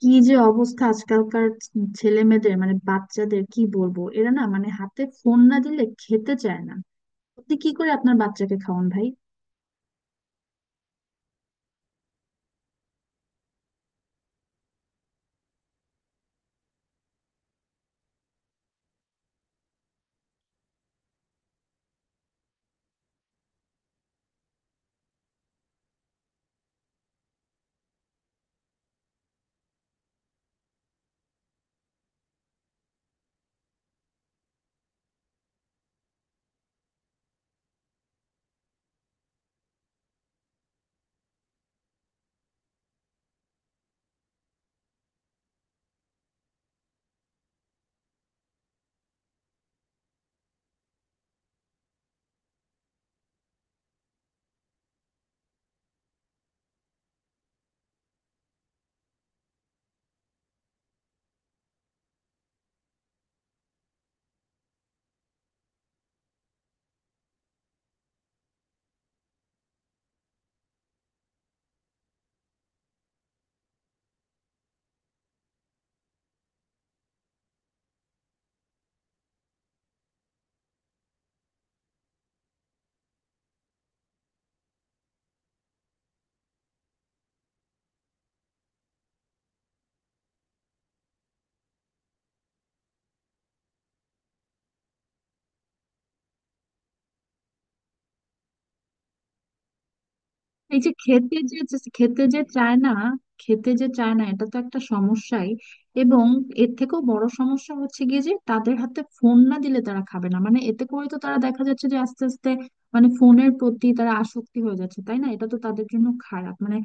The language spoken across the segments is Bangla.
কি যে অবস্থা আজকালকার ছেলে মেয়েদের, বাচ্চাদের কি বলবো, এরা না হাতে ফোন না দিলে খেতে চায় না। আপনি কি করে আপনার বাচ্চাকে খাওয়ান ভাই? এই যে খেতে যে খেতে যে চায় না খেতে যে চায় না এটা তো একটা সমস্যাই। এবং এর থেকেও বড় সমস্যা হচ্ছে গিয়ে যে, তাদের হাতে ফোন না দিলে তারা খাবে না। এতে করে তো তারা, দেখা যাচ্ছে যে আস্তে আস্তে ফোনের প্রতি তারা আসক্তি হয়ে যাচ্ছে, তাই না? এটা তো তাদের জন্য খারাপ।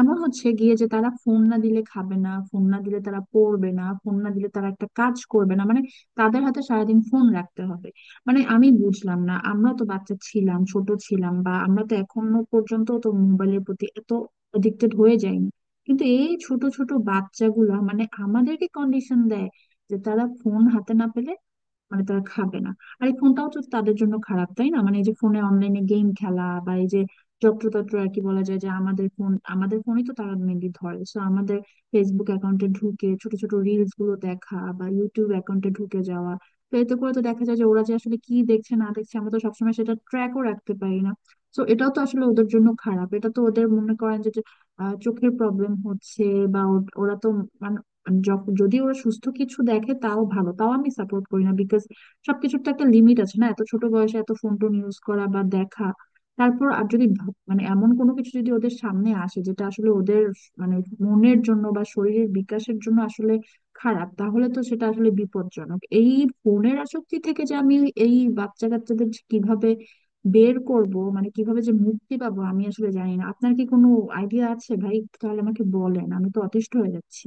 এমন হচ্ছে গিয়ে যে, তারা ফোন না দিলে খাবে না, ফোন না দিলে তারা পড়বে না, ফোন না দিলে তারা একটা কাজ করবে না। তাদের হাতে সারাদিন ফোন রাখতে হবে। আমি বুঝলাম না, আমরা তো বাচ্চা ছিলাম, ছোট ছিলাম, বা আমরা তো এখনো পর্যন্ত তো মোবাইলের প্রতি এত এডিক্টেড হয়ে যাইনি। কিন্তু এই ছোট ছোট বাচ্চাগুলা আমাদেরকে কন্ডিশন দেয় যে, তারা ফোন হাতে না পেলে তারা খাবে না। আর এই ফোনটাও তো তাদের জন্য খারাপ, তাই না? এই যে ফোনে অনলাইনে গেম খেলা, বা এই যে যত্রতত্র আর কি বলা যায়, যে আমাদের ফোন, আমাদের ফোনই তো তারা মেনলি ধরে, সো আমাদের ফেসবুক অ্যাকাউন্টে ঢুকে ছোট ছোট রিলস গুলো দেখা, বা ইউটিউব অ্যাকাউন্টে ঢুকে যাওয়া। তো এতে করে তো দেখা যায় যে, ওরা যে আসলে কি দেখছে না দেখছে, আমরা তো সবসময় সেটা ট্র্যাকও রাখতে পারি না। তো এটাও তো আসলে ওদের জন্য খারাপ। এটা তো ওদের, মনে করেন যে, চোখের প্রবলেম হচ্ছে। ওরা তো মানে যখন, যদি ওরা সুস্থ কিছু দেখে তাও ভালো, তাও আমি সাপোর্ট করি না, বিকজ সবকিছুর তো একটা লিমিট আছে, না? এত ছোট বয়সে এত ফোন টোন ইউজ করা বা দেখা, তারপর আর যদি এমন কোনো কিছু যদি ওদের সামনে আসে, যেটা আসলে ওদের মানে মনের জন্য বা শরীরের বিকাশের জন্য আসলে খারাপ, তাহলে তো সেটা আসলে বিপজ্জনক। এই ফোনের আসক্তি থেকে যে আমি এই বাচ্চা কাচ্চাদের যে কিভাবে বের করব, কিভাবে যে মুক্তি পাবো, আমি আসলে জানি না। আপনার কি কোনো আইডিয়া আছে ভাই? তাহলে আমাকে বলেন, আমি তো অতিষ্ঠ হয়ে যাচ্ছি।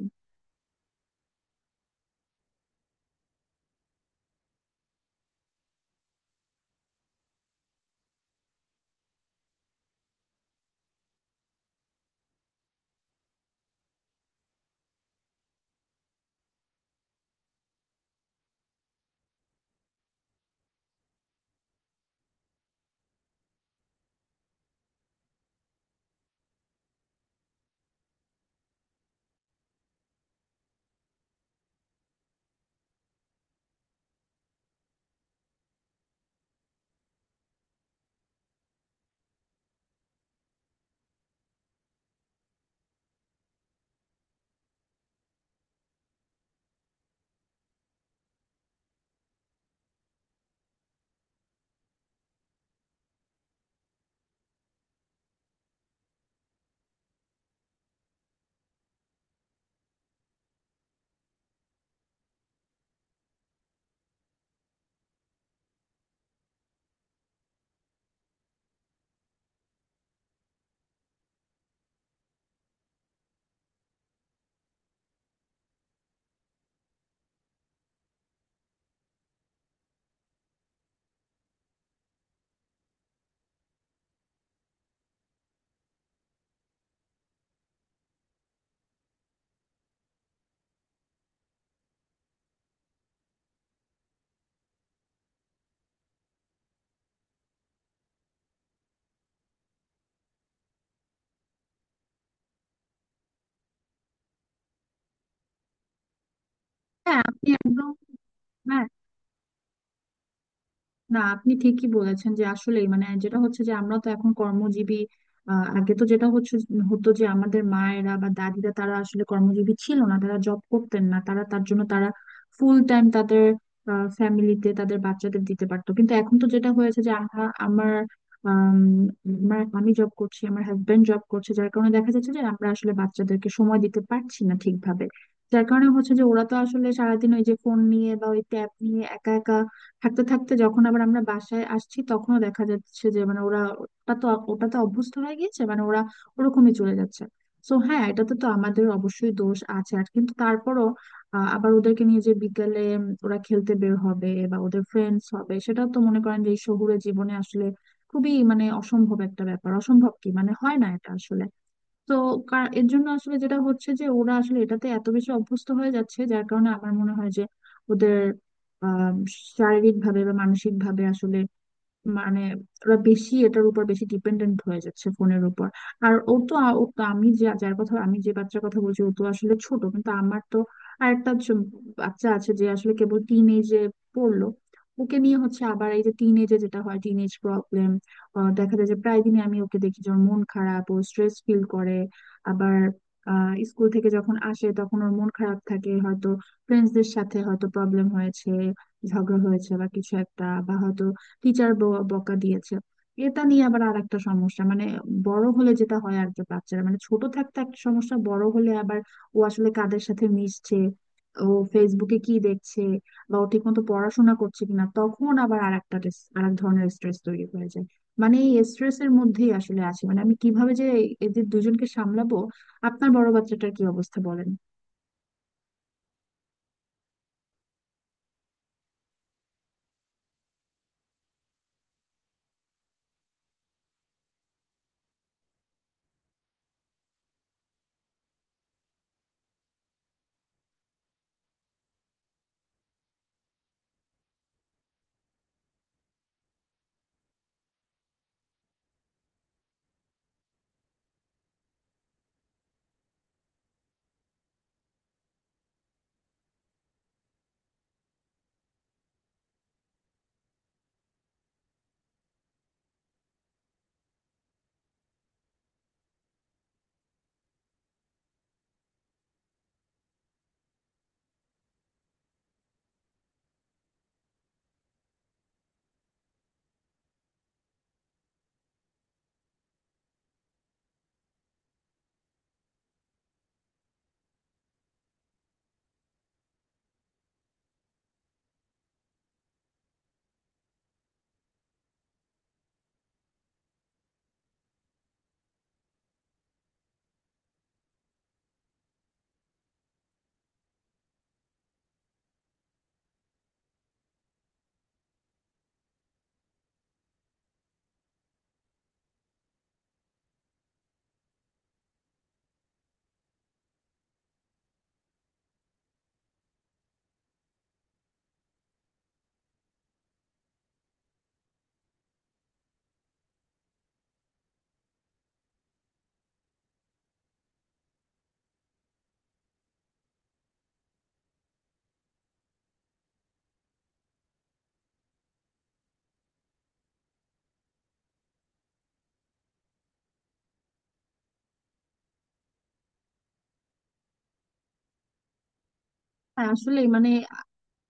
হ্যাঁ, আপনি একদম, হ্যাঁ, না আপনি ঠিকই বলেছেন যে আসলে, যেটা হচ্ছে যে, আমরা তো এখন কর্মজীবী। আগে তো যেটা হতো যে, আমাদের মায়েরা বা দাদিরা তারা আসলে কর্মজীবী ছিল না, তারা জব করতেন না, তারা, তার জন্য তারা ফুল টাইম তাদের ফ্যামিলিতে তাদের বাচ্চাদের দিতে পারতো। কিন্তু এখন তো যেটা হয়েছে যে, আমরা আমার আম, আমার আমি জব করছি, আমার হাজবেন্ড জব করছে, যার কারণে দেখা যাচ্ছে যে, আমরা আসলে বাচ্চাদেরকে সময় দিতে পারছি না ঠিকভাবে। যার কারণে হচ্ছে যে, ওরা তো আসলে সারাদিন ওই যে ফোন নিয়ে বা ওই ট্যাব নিয়ে একা একা থাকতে থাকতে, যখন আবার আমরা বাসায় আসছি, তখনও দেখা যাচ্ছে যে, ওরা ওটা তো ওটা তো অভ্যস্ত হয়ে গিয়েছে। ওরা ওরকমই চলে যাচ্ছে। তো হ্যাঁ, এটাতে তো আমাদের অবশ্যই দোষ আছে আর, কিন্তু তারপরও আবার ওদেরকে নিয়ে যে বিকালে, ওরা খেলতে বের হবে বা ওদের ফ্রেন্ডস হবে, সেটাও তো মনে করেন যে এই শহুরে জীবনে আসলে খুবই অসম্ভব একটা ব্যাপার। অসম্ভব কি হয় না এটা আসলে। তো এর জন্য আসলে যেটা হচ্ছে যে, ওরা আসলে এটাতে এত বেশি অভ্যস্ত হয়ে যাচ্ছে, যার কারণে আমার মনে হয় যে, ওদের শারীরিক ভাবে বা মানসিক ভাবে আসলে, মানে ওরা এটার উপর বেশি ডিপেন্ডেন্ট হয়ে যাচ্ছে, ফোনের উপর। আর ও তো আ- ও তো, আমি যে, বাচ্চার কথা বলছি, ও তো আসলে ছোট। কিন্তু আমার তো আরেকটা বাচ্চা আছে, যে আসলে কেবল টিন এজে পড়লো। ওকে নিয়ে হচ্ছে আবার, এই যে টিন এজে যেটা হয় টিন এজ প্রবলেম, দেখা যায় যে প্রায় দিনই আমি ওকে দেখি যে ওর মন খারাপ, ও স্ট্রেস ফিল করে। আবার স্কুল থেকে যখন আসে, তখন ওর মন খারাপ থাকে, হয়তো ফ্রেন্ডসদের সাথে হয়তো প্রবলেম হয়েছে, ঝগড়া হয়েছে, বা কিছু একটা, বা হয়তো টিচার বকা দিয়েছে। এটা নিয়ে আবার আর একটা সমস্যা। বড় হলে যেটা হয় আর কি, বাচ্চারা, ছোট থাকতে একটা সমস্যা, বড় হলে আবার ও আসলে কাদের সাথে মিশছে, ও ফেসবুকে কি দেখছে, বা ও ঠিক মতো পড়াশোনা করছে কিনা, তখন আবার আর এক ধরনের স্ট্রেস তৈরি হয়ে যায়। এই স্ট্রেসের মধ্যেই আসলে আছি। আমি কিভাবে যে এদের দুজনকে সামলাবো। আপনার বড় বাচ্চাটার কি অবস্থা বলেন? হ্যাঁ, আসলেই,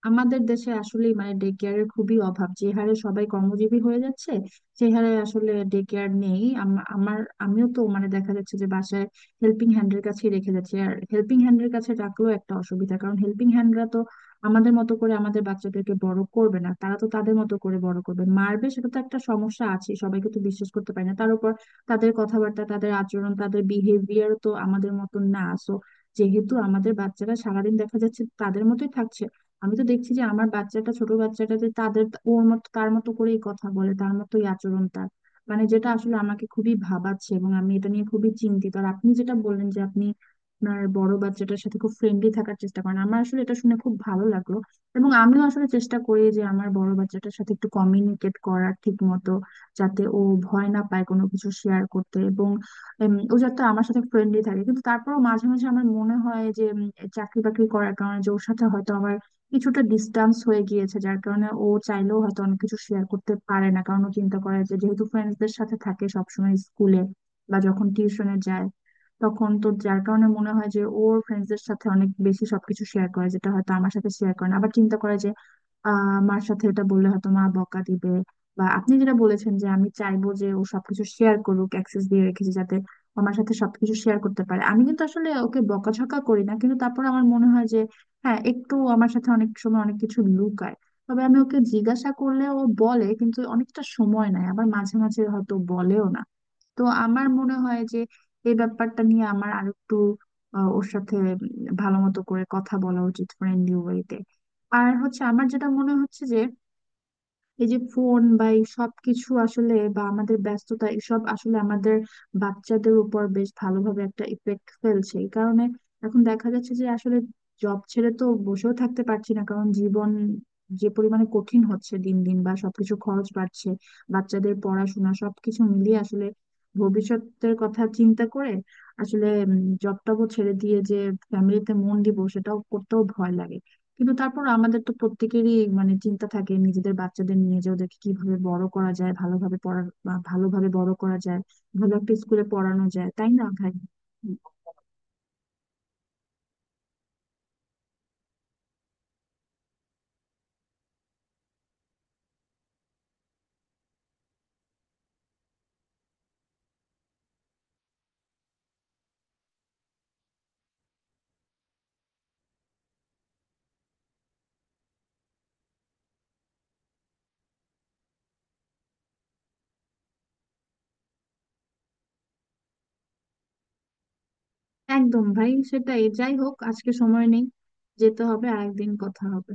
আমাদের দেশে আসলেই ডে কেয়ারের খুবই অভাব। যে হারে সবাই কর্মজীবী হয়ে যাচ্ছে, সে হারে আসলে ডে কেয়ার নেই। আমার, আমিও তো দেখা যাচ্ছে যে, বাসায় হেল্পিং হ্যান্ডের কাছে রেখে যাচ্ছি, আর হেল্পিং হ্যান্ডের কাছে রাখলেও একটা অসুবিধা, কারণ হেল্পিং হ্যান্ডরা তো আমাদের মতো করে আমাদের বাচ্চাদেরকে বড় করবে না, তারা তো তাদের মতো করে বড় করবে, মারবে, সেটা তো একটা সমস্যা আছে। সবাইকে তো বিশ্বাস করতে পারি না। তার উপর তাদের কথাবার্তা, তাদের আচরণ, তাদের বিহেভিয়ার তো আমাদের মতো না। So যেহেতু আমাদের বাচ্চারা সারাদিন দেখা যাচ্ছে তাদের মতোই থাকছে, আমি তো দেখছি যে আমার বাচ্চাটা, ছোট বাচ্চাটা যে, তাদের ওর মতো তার মতো করেই কথা বলে, তার মতোই আচরণ তার। যেটা আসলে আমাকে খুবই ভাবাচ্ছে এবং আমি এটা নিয়ে খুবই চিন্তিত। আর আপনি যেটা বললেন যে, আপনি আপনার বড় বাচ্চাটার সাথে খুব ফ্রেন্ডলি থাকার চেষ্টা করেন, আমার আসলে এটা শুনে খুব ভালো লাগলো। এবং আমিও আসলে চেষ্টা করি যে আমার বড় বাচ্চাটার সাথে একটু কমিউনিকেট করার ঠিক মতো, যাতে ও ভয় না পায় কোনো কিছু শেয়ার করতে, এবং ও যাতে আমার সাথে ফ্রেন্ডলি থাকে। কিন্তু তারপরও মাঝে মাঝে আমার মনে হয় যে, চাকরি বাকরি করার কারণে যে ওর সাথে হয়তো আমার কিছুটা ডিস্টেন্স হয়ে গিয়েছে, যার কারণে ও চাইলেও হয়তো অনেক কিছু শেয়ার করতে পারে না, কারণ ও চিন্তা করে যে যেহেতু ফ্রেন্ডসদের সাথে থাকে সবসময় স্কুলে বা যখন টিউশনে যায়, তখন তো, যার কারণে মনে হয় যে ওর ফ্রেন্ডসদের সাথে অনেক বেশি সবকিছু শেয়ার করে, যেটা হয়তো আমার সাথে শেয়ার করে না, আবার চিন্তা করে যে মার সাথে এটা বললে হয়তো মা বকা দিবে। বা আপনি যেটা বলেছেন যে আমি চাইবো যে ও সবকিছু শেয়ার করুক, অ্যাক্সেস দিয়ে রেখেছি যাতে আমার সাথে সবকিছু শেয়ার করতে পারে, আমি কিন্তু আসলে ওকে বকাঝকা করি না। কিন্তু তারপর আমার মনে হয় যে হ্যাঁ, একটু আমার সাথে অনেক সময় অনেক কিছু লুকায়। তবে আমি ওকে জিজ্ঞাসা করলে ও বলে, কিন্তু অনেকটা সময় নেয়, আবার মাঝে মাঝে হয়তো বলেও না। তো আমার মনে হয় যে এই ব্যাপারটা নিয়ে আমার আরেকটু ওর সাথে ভালো মতো করে কথা বলা উচিত, ফ্রেন্ডলি ওয়েতে। আর হচ্ছে, আমার যেটা মনে হচ্ছে যে, এই যে ফোন বা এই সবকিছু আসলে, বা আমাদের ব্যস্ততা, এসব আসলে আমাদের বাচ্চাদের উপর বেশ ভালোভাবে একটা ইফেক্ট ফেলছে। এই কারণে এখন দেখা যাচ্ছে যে আসলে, জব ছেড়ে তো বসেও থাকতে পারছি না, কারণ জীবন যে পরিমাণে কঠিন হচ্ছে দিন দিন, বা সবকিছু খরচ বাড়ছে, বাচ্চাদের পড়াশোনা, সবকিছু মিলিয়ে আসলে ভবিষ্যতের কথা চিন্তা করে, আসলে জবটাও ছেড়ে দিয়ে যে ফ্যামিলিতে মন দিব, সেটাও করতেও ভয় লাগে। কিন্তু তারপর আমাদের তো প্রত্যেকেরই চিন্তা থাকে নিজেদের বাচ্চাদের নিয়ে, যে ওদেরকে কিভাবে বড় করা যায়, ভালোভাবে পড়া বা ভালোভাবে বড় করা যায়, ভালো একটা স্কুলে পড়ানো যায়, তাই না ভাই? একদম ভাই, সেটাই। যাই হোক, আজকে সময় নেই, যেতে হবে, আরেকদিন কথা হবে।